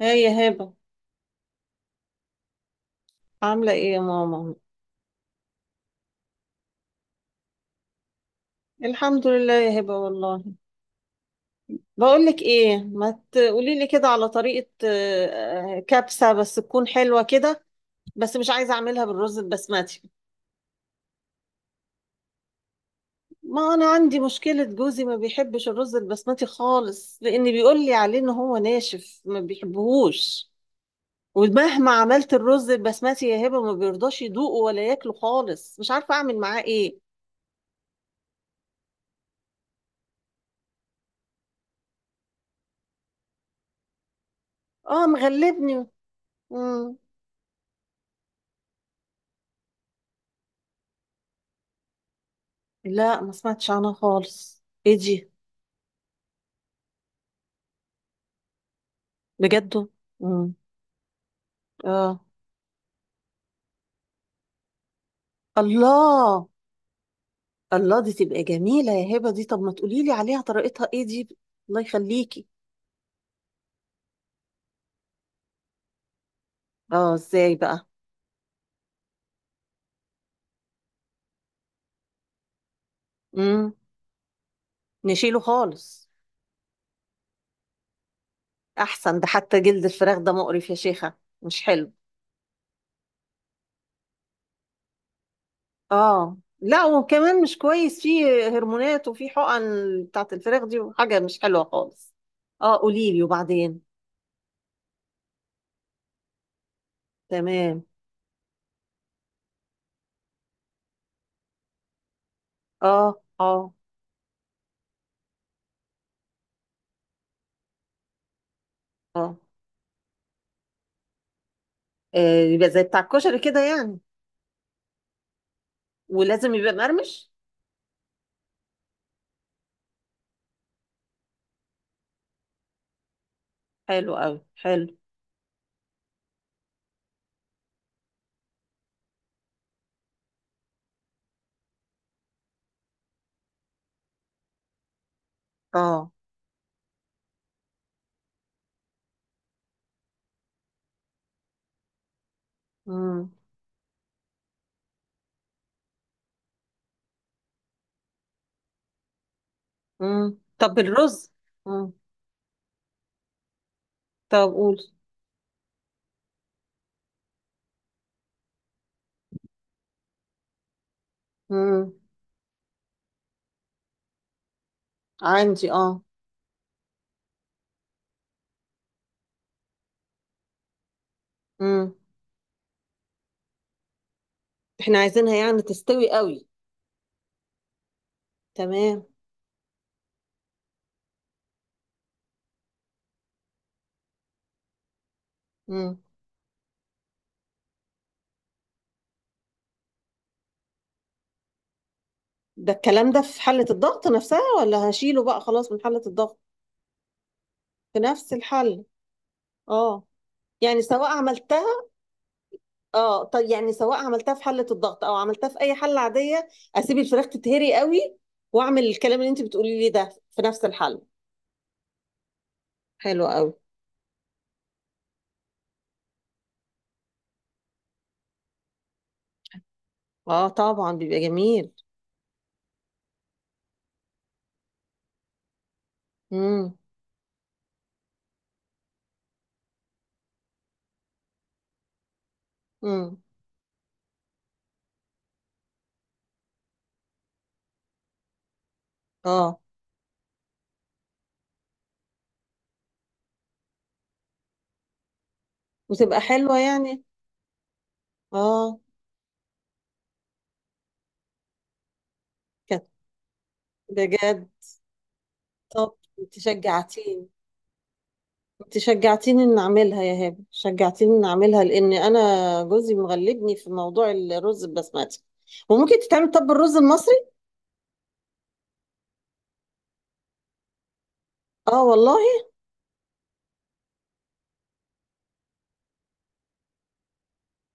هاي يا هبة. عاملة ايه يا ماما؟ الحمد لله يا هبة والله. بقولك ايه، ما تقولي لي كده على طريقة كبسة بس تكون حلوة كده. بس مش عايزة اعملها بالرز البسمتي. ما انا عندي مشكلة، جوزي ما بيحبش الرز البسمتي خالص، لان بيقول لي عليه ان هو ناشف ما بيحبهوش. ومهما عملت الرز البسمتي يا هبة، ما بيرضاش يدوقه ولا ياكله خالص، مش عارفة اعمل معاه ايه. اه، مغلبني. مم. لا، ما سمعتش عنها خالص، ايه دي؟ بجد؟ امم. اه. الله. الله، دي تبقى جميلة يا هبة. دي طب ما تقولي لي عليها، طريقتها ايه دي؟ الله يخليكي. اه، ازاي بقى؟ امم. نشيله خالص. احسن، ده حتى جلد الفراخ ده مقرف يا شيخة، مش حلو. اه. لا، وكمان مش كويس، فيه هرمونات وفيه حقن بتاعت الفراخ دي، وحاجة مش حلوة خالص. اه، قولي لي وبعدين. تمام. اه، اه. اه. آه، يبقى زي بتاع الكشري كده يعني. ولازم يبقى مقرمش؟ حلو قوي، حلو. اه. امم. امم، طب الرز؟ امم. طب، قول. امم. عندي، اه. امم. احنا عايزينها يعني تستوي قوي؟ تمام. امم. ده الكلام ده في حلة الضغط نفسها، ولا هشيله بقى خلاص من حلة الضغط؟ في نفس الحل. اه. يعني سواء عملتها، اه، طب يعني سواء عملتها في حله الضغط او عملتها في اي حله عاديه، اسيب الفراخ تتهري قوي، واعمل الكلام اللي انت بتقولي لي ده في نفس الحله؟ حلو قوي. اه، طبعا بيبقى جميل. امم. امم. اه. وتبقى حلوه يعني؟ اه. كانت؟ بجد؟ طب انت شجعتيني. انت شجعتيني ان اعملها يا هبه، شجعتيني ان اعملها لان انا جوزي مغلبني في موضوع الرز البسمتي. وممكن تتعمل طب الرز المصري؟ اه، والله.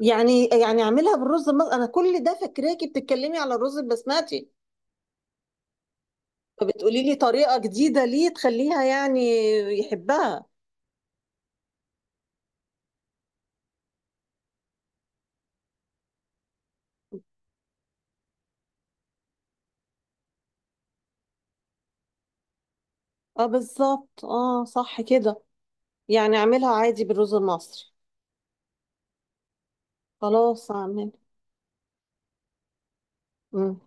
يعني اعملها بالرز المصري؟ انا كل ده فاكراكي بتتكلمي على الرز البسمتي، فبتقولي لي طريقة جديدة ليه تخليها يعني يحبها. اه، بالظبط. اه، صح كده. يعني اعملها عادي بالرز المصري. خلاص، اعمل. مم.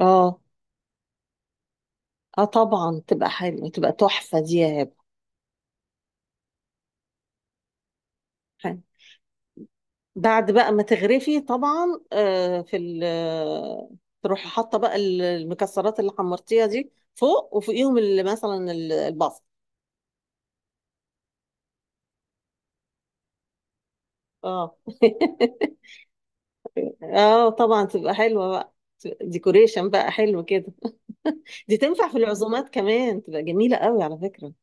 اه، اه، طبعا تبقى حلوة، تبقى تحفة دي يا هبة. حلو. بعد بقى ما تغرفي طبعا، آه في ال آه، تروحي حاطة بقى المكسرات اللي حمرتيها دي فوق، وفوقيهم اللي مثلا البصل. اه. اه، طبعا تبقى حلوة بقى. ديكوريشن بقى حلو كده. دي تنفع في العزومات كمان، تبقى جميلة قوي على فكرة.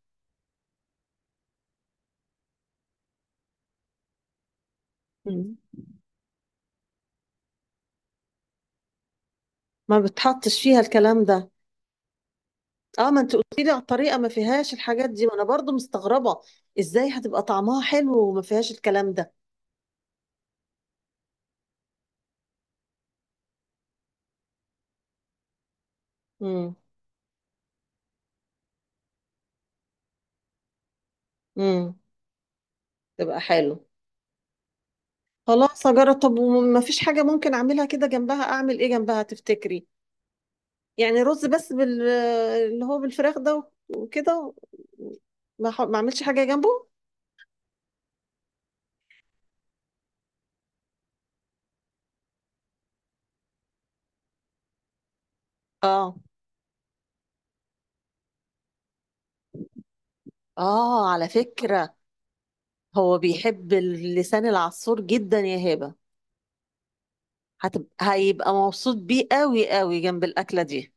مم. ما بتحطش فيها الكلام ده. اه، ما انت قلت لي على الطريقة ما فيهاش الحاجات دي، وانا برضو مستغربة. ازاي هتبقى طعمها حلو وما فيهاش الكلام ده؟ امم. امم، تبقى حلو. خلاص، هجرب. طب، وما فيش حاجة ممكن اعملها كده جنبها؟ اعمل ايه جنبها تفتكري؟ يعني رز بس بال، اللي هو بالفراخ ده، وكده. ما اعملش حاجة جنبه؟ اه. اه، على فكرة هو بيحب اللسان العصفور جدا يا هبة. هيبقى مبسوط بيه قوي قوي جنب الأكلة دي.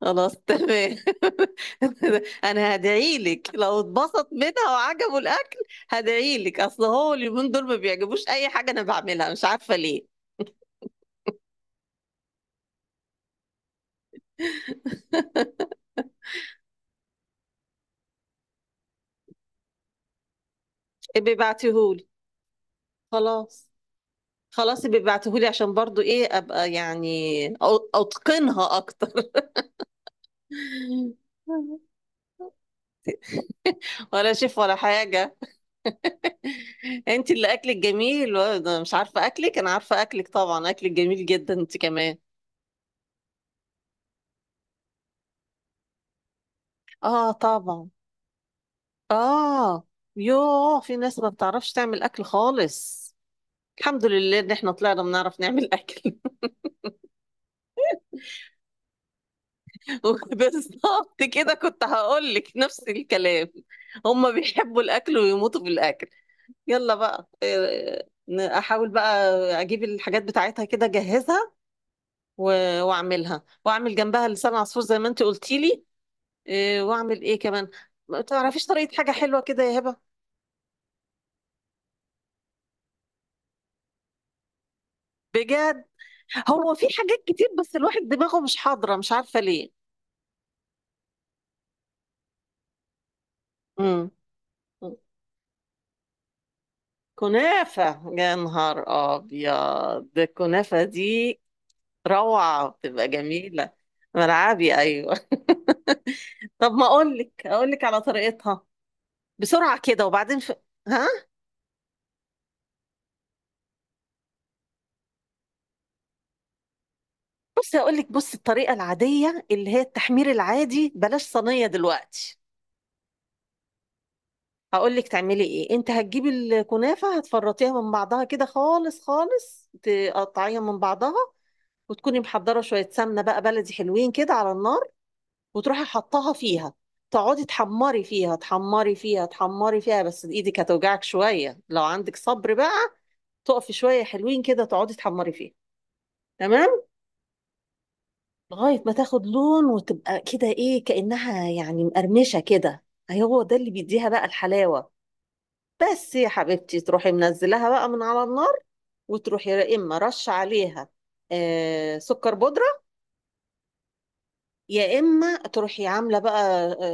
خلاص، تمام. انا هدعي لك لو اتبسط منها وعجبه الاكل. هدعي لك، اصل هو اليومين دول ما بيعجبوش اي حاجه انا بعملها، مش عارفه ليه. ابقي بعتيهولي. خلاص. خلاص ابقي بعتيهولي عشان برضو ايه ابقى يعني اتقنها اكتر. ولا شيف ولا حاجه. انت اللي اكلك جميل، وانا مش عارفه اكلك، انا عارفه اكلك طبعا، اكلك جميل جدا انت كمان. اه، طبعا. اه. يوه، في ناس ما بتعرفش تعمل اكل خالص. الحمد لله ان احنا طلعنا بنعرف نعمل اكل. بالظبط كده، كنت هقول لك نفس الكلام. هم بيحبوا الاكل ويموتوا بالاكل. يلا بقى، احاول بقى اجيب الحاجات بتاعتها كده اجهزها، واعملها واعمل جنبها لسان عصفور زي ما انت قلتي لي. إيه، واعمل ايه كمان؟ ما تعرفيش طريقة حاجة حلوة كده يا هبة؟ بجد. هو في حاجات كتير بس الواحد دماغه مش حاضرة، مش عارفة ليه. امم. كنافة. يا نهار أبيض. ده الكنافة دي روعة، بتبقى جميلة. ملعبي، أيوة. طب، ما أقولك على طريقتها بسرعة كده وبعدين ها؟ بصي أقولك، بص الطريقة العادية اللي هي التحمير العادي، بلاش صينية دلوقتي. هقول لك تعملي ايه. انت هتجيبي الكنافه، هتفرطيها من بعضها كده خالص خالص، تقطعيها من بعضها، وتكوني محضره شويه سمنه بقى بلدي حلوين كده على النار، وتروحي حطها فيها. تقعدي تحمري فيها تحمري فيها تحمري فيها، بس ايدك هتوجعك شويه. لو عندك صبر بقى تقفي شويه حلوين كده، تقعدي تحمري فيها. تمام. لغايه ما تاخد لون وتبقى كده ايه، كانها يعني مقرمشه كده. هو ده اللي بيديها بقى الحلاوه. بس يا حبيبتي تروحي منزلها بقى من على النار، وتروحي يا اما رش عليها سكر بودره، يا اما تروحي عامله بقى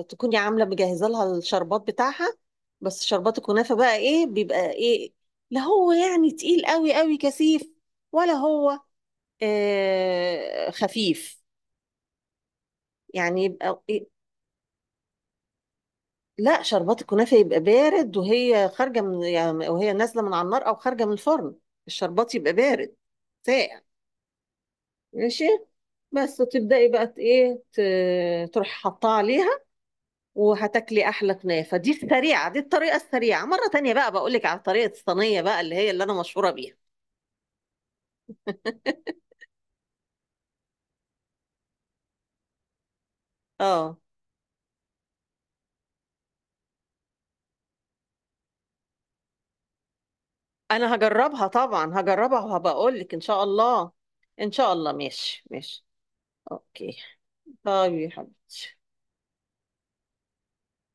تكوني عامله مجهزه لها الشربات بتاعها. بس شربات الكنافه بقى ايه بيبقى ايه؟ لا هو يعني تقيل قوي قوي كثيف، ولا هو خفيف؟ يعني يبقى إيه؟ لا، شربات الكنافه يبقى بارد وهي خارجه من، يعني وهي نازله من على النار او خارجه من الفرن، الشربات يبقى بارد، ساقع. ماشي. بس تبدأي بقى ايه تروحي حطها عليها، وهتاكلي احلى كنافة. دي السريعة، دي الطريقة السريعة. مرة تانية بقى بقولك على طريقة الصينية بقى اللي هي اللي انا مشهورة بيها. اه، انا هجربها طبعا، هجربها وهبقولك ان شاء الله. ان شاء الله، ماشي، ماشي. اوكي. طيب يا حبيبتي.